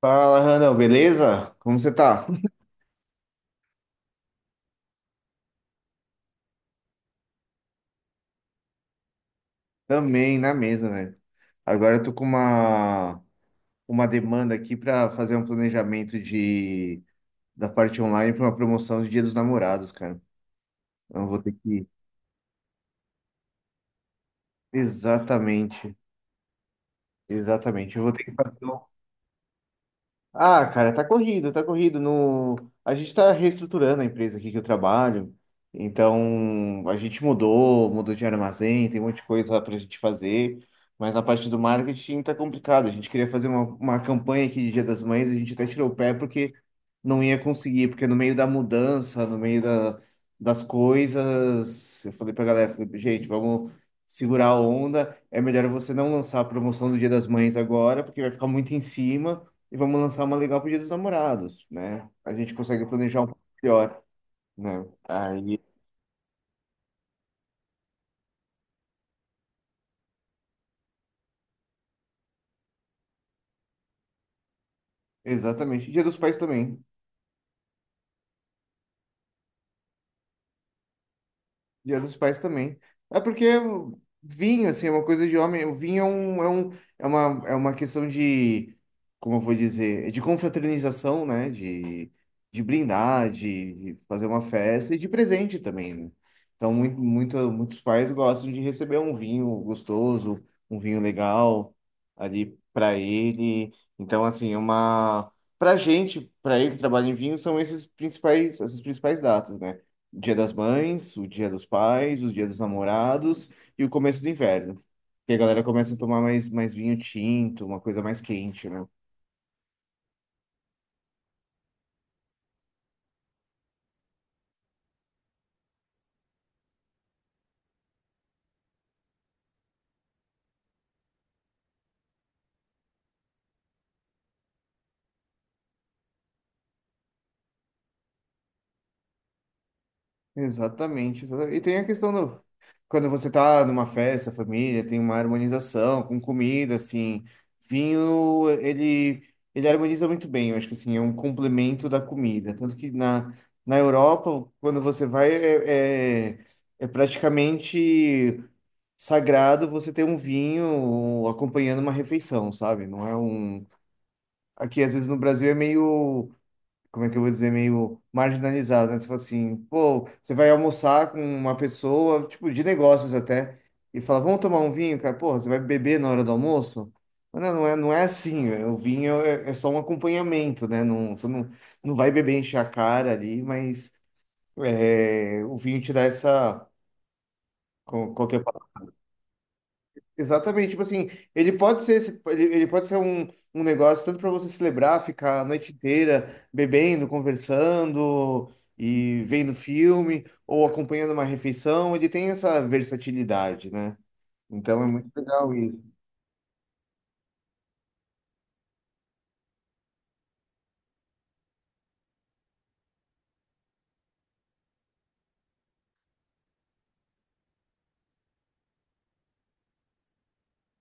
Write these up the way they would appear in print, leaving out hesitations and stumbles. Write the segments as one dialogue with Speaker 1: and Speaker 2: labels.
Speaker 1: Fala, Randall, beleza? Como você tá? Também na mesa, velho. Agora eu tô com uma demanda aqui pra fazer um planejamento da parte online pra uma promoção de Dia dos Namorados, cara. Então eu vou ter que. Exatamente, exatamente. Eu vou ter que fazer. Ah, cara, tá corrido, tá corrido. No... A gente tá reestruturando a empresa aqui que eu trabalho. Então, a gente mudou de armazém, tem um monte de coisa pra gente fazer. Mas a parte do marketing tá complicado. A gente queria fazer uma campanha aqui de Dia das Mães, a gente até tirou o pé porque não ia conseguir, porque no meio da mudança, no meio das coisas, eu falei pra galera, falei, gente, vamos segurar a onda. É melhor você não lançar a promoção do Dia das Mães agora, porque vai ficar muito em cima e vamos lançar uma legal pro Dia dos Namorados, né? A gente consegue planejar um pouco melhor, né? Aí, exatamente. Dia dos Pais também. Dia dos Pais também. É porque vinho, assim, é uma coisa de homem. O vinho é um, é uma questão como eu vou dizer, de confraternização, né? De brindar, de fazer uma festa e de presente também, né? Então, muitos pais gostam de receber um vinho gostoso, um vinho legal ali para ele. Então, assim, é uma. Pra gente, pra eu que trabalha em vinho, são esses principais, essas principais datas, né? Dia das Mães, o Dia dos Pais, o Dia dos Namorados e o começo do inverno. Que a galera começa a tomar mais vinho tinto, uma coisa mais quente, né? Exatamente, exatamente. E tem a questão do. Quando você tá numa festa, família, tem uma harmonização com comida, assim. Vinho, ele harmoniza muito bem, eu acho que assim, é um complemento da comida. Tanto que na Europa, quando você vai, é praticamente. Sagrado você ter um vinho um, acompanhando uma refeição, sabe? Não é um. Aqui, às vezes, no Brasil é meio. Como é que eu vou dizer? Meio marginalizado, né? Você fala assim, pô, você vai almoçar com uma pessoa, tipo, de negócios até, e fala, vamos tomar um vinho, cara? Pô, você vai beber na hora do almoço? Mas não, não é, não é assim. O vinho é, é só um acompanhamento, né? Não, você não, não vai beber encher a cara ali, mas é, o vinho te dá essa. Qualquer exatamente, tipo assim, ele pode ser um, um negócio tanto para você celebrar, ficar a noite inteira bebendo, conversando e vendo filme ou acompanhando uma refeição, ele tem essa versatilidade, né? Então é muito legal isso.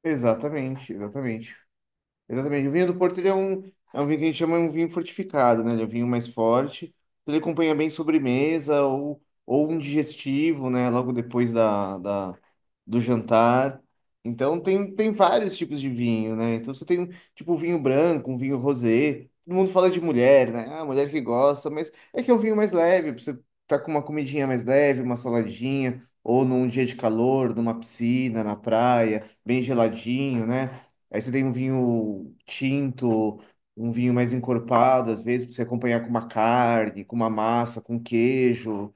Speaker 1: Exatamente, exatamente. Exatamente. O vinho do Porto é um vinho que a gente chama de um vinho fortificado, né? Ele é um vinho mais forte. Ele acompanha bem sobremesa ou um digestivo, né? Logo depois do jantar. Então tem vários tipos de vinho, né? Então você tem um, tipo um vinho branco, um vinho rosé. Todo mundo fala de mulher, né? Ah, mulher que gosta, mas é que é um vinho mais leve, pra você tá com uma comidinha mais leve, uma saladinha, ou num dia de calor, numa piscina, na praia, bem geladinho, né? Aí você tem um vinho tinto, um vinho mais encorpado, às vezes, para você acompanhar com uma carne, com uma massa, com queijo.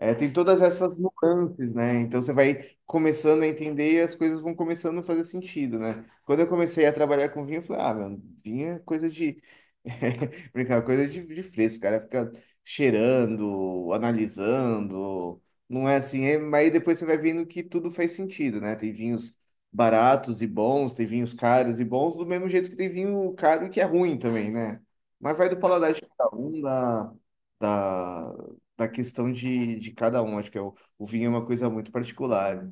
Speaker 1: É, tem todas essas nuances, né? Então você vai começando a entender e as coisas vão começando a fazer sentido, né? Quando eu comecei a trabalhar com vinho, eu falei, ah, mano, vinho é coisa de. Brincar, é coisa de fresco, cara. Fica cheirando, analisando. Não é assim, é... mas aí depois você vai vendo que tudo faz sentido, né? Tem vinhos baratos e bons, tem vinhos caros e bons, do mesmo jeito que tem vinho caro e que é ruim também, né? Mas vai do paladar de cada um, da. Da da questão de cada um. Acho que é o vinho é uma coisa muito particular.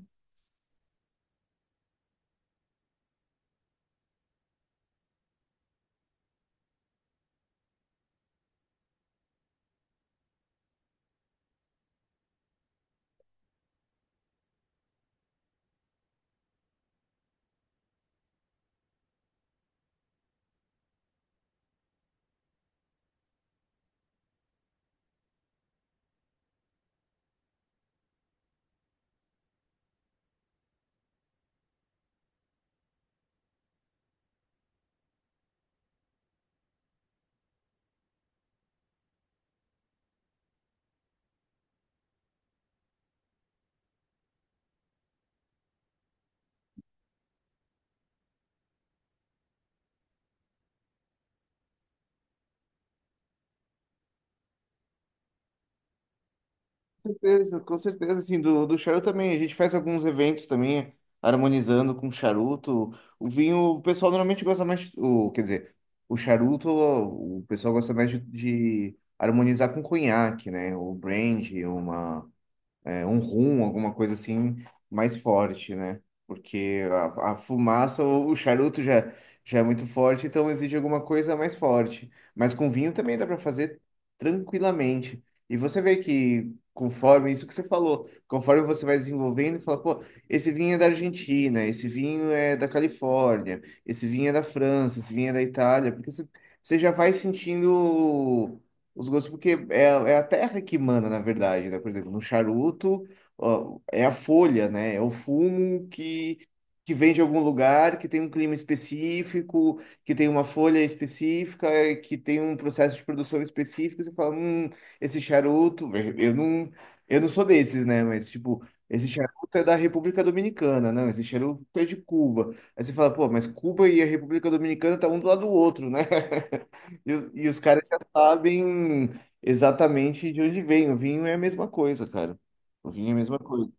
Speaker 1: Com certeza, com certeza. Assim, do charuto também. A gente faz alguns eventos também, harmonizando com charuto. O vinho, o pessoal normalmente gosta mais. O, quer dizer, o charuto, o pessoal gosta mais de harmonizar com conhaque, né? O brandy, uma. É, um rum, alguma coisa assim mais forte, né? Porque a fumaça ou o charuto já é muito forte, então exige alguma coisa mais forte. Mas com vinho também dá para fazer tranquilamente. E você vê que conforme isso que você falou, conforme você vai desenvolvendo, fala, pô, esse vinho é da Argentina, esse vinho é da Califórnia, esse vinho é da França, esse vinho é da Itália, porque você já vai sentindo os gostos, porque é, é a terra que manda, na verdade, né? Por exemplo, no charuto, ó, é a folha, né? É o fumo que vem de algum lugar, que tem um clima específico, que tem uma folha específica, que tem um processo de produção específico. Você fala, esse charuto, eu não sou desses, né? Mas, tipo, esse charuto é da República Dominicana, não, esse charuto é de Cuba. Aí você fala, pô, mas Cuba e a República Dominicana tá um do lado do outro, né? E, e os caras sabem exatamente de onde vem. O vinho é a mesma coisa, cara. O vinho é a mesma coisa.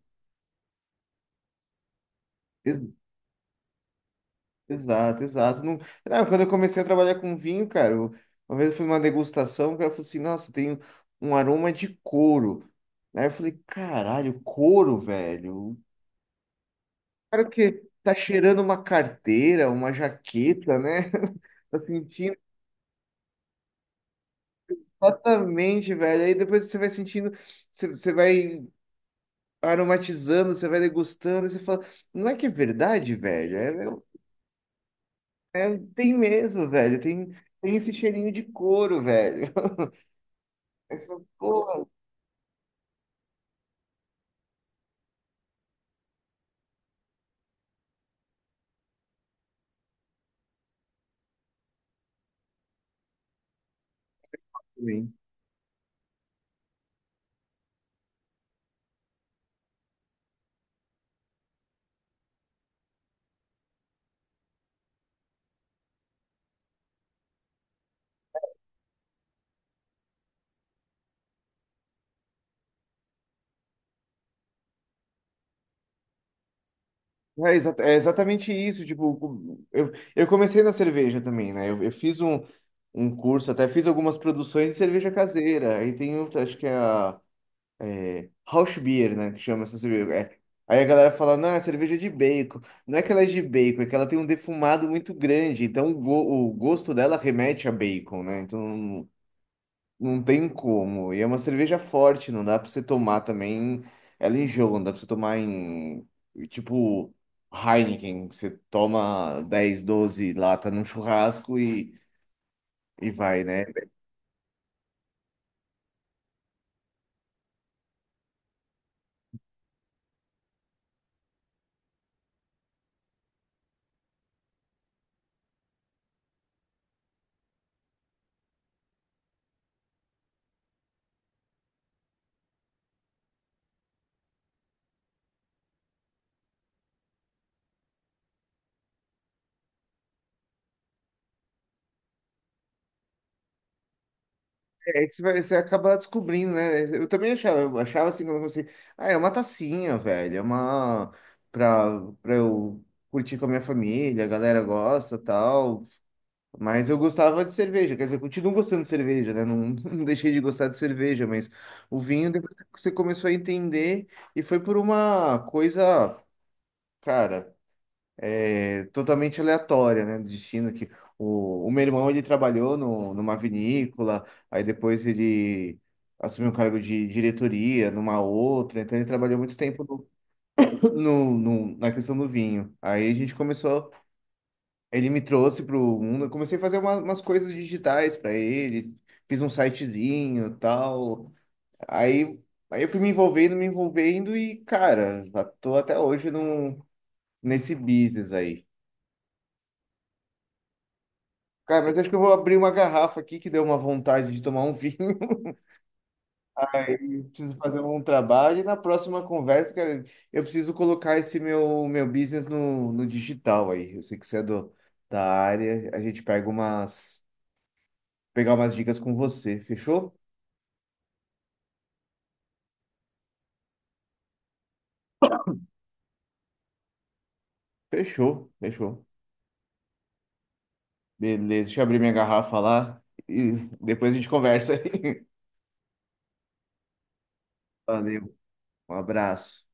Speaker 1: Ex- Exato, exato. Não... Ah, quando eu comecei a trabalhar com vinho, cara, uma vez eu fui numa degustação, o cara falou assim, nossa, tem um aroma de couro. Aí eu falei, caralho, couro, velho. Cara, o que tá cheirando uma carteira, uma jaqueta, né? Tá sentindo exatamente, velho. Aí depois você vai sentindo, você vai aromatizando, você vai degustando, e você fala, não é que é verdade, velho? É, tem mesmo, velho. Tem, tem esse cheirinho de couro, velho. Aí você fala, porra, hein?" É, é exatamente isso. Tipo, eu comecei na cerveja também, né? Eu fiz um, um curso, até fiz algumas produções de cerveja caseira. Aí tem, outra, acho que é a. Rauchbier, né? Que chama essa cerveja. É. Aí a galera fala, não, é cerveja de bacon. Não é que ela é de bacon, é que ela tem um defumado muito grande. Então o gosto dela remete a bacon, né? Então não tem como. E é uma cerveja forte, não dá pra você tomar também ela em jogo, não dá pra você tomar em. Tipo Heineken, que você toma 10, 12 lata num churrasco e vai, né? É que você acaba descobrindo, né? Eu também achava, eu achava assim quando eu comecei, ah, é uma tacinha, velho, é uma pra eu curtir com a minha família, a galera gosta, tal. Mas eu gostava de cerveja, quer dizer, eu continuo gostando de cerveja, né? Não, não deixei de gostar de cerveja, mas o vinho depois que você começou a entender e foi por uma coisa, cara. É totalmente aleatória, né? Do destino que o meu irmão ele trabalhou no, numa vinícola, aí depois ele assumiu um cargo de diretoria numa outra, então ele trabalhou muito tempo no, na questão do vinho. Aí a gente começou, ele me trouxe para o mundo, eu comecei a fazer umas coisas digitais para ele, fiz um sitezinho, tal. Aí Aí eu fui me envolvendo e, cara, já tô até hoje num, nesse business aí. Cara, mas acho que eu vou abrir uma garrafa aqui que deu uma vontade de tomar um vinho. E preciso fazer um trabalho. E na próxima conversa, cara, eu preciso colocar esse meu business no digital aí. Eu sei que você é da área. A gente pegar umas dicas com você. Fechou? Fechou, fechou. Beleza, deixa eu abrir minha garrafa lá e depois a gente conversa aí. Valeu, um abraço.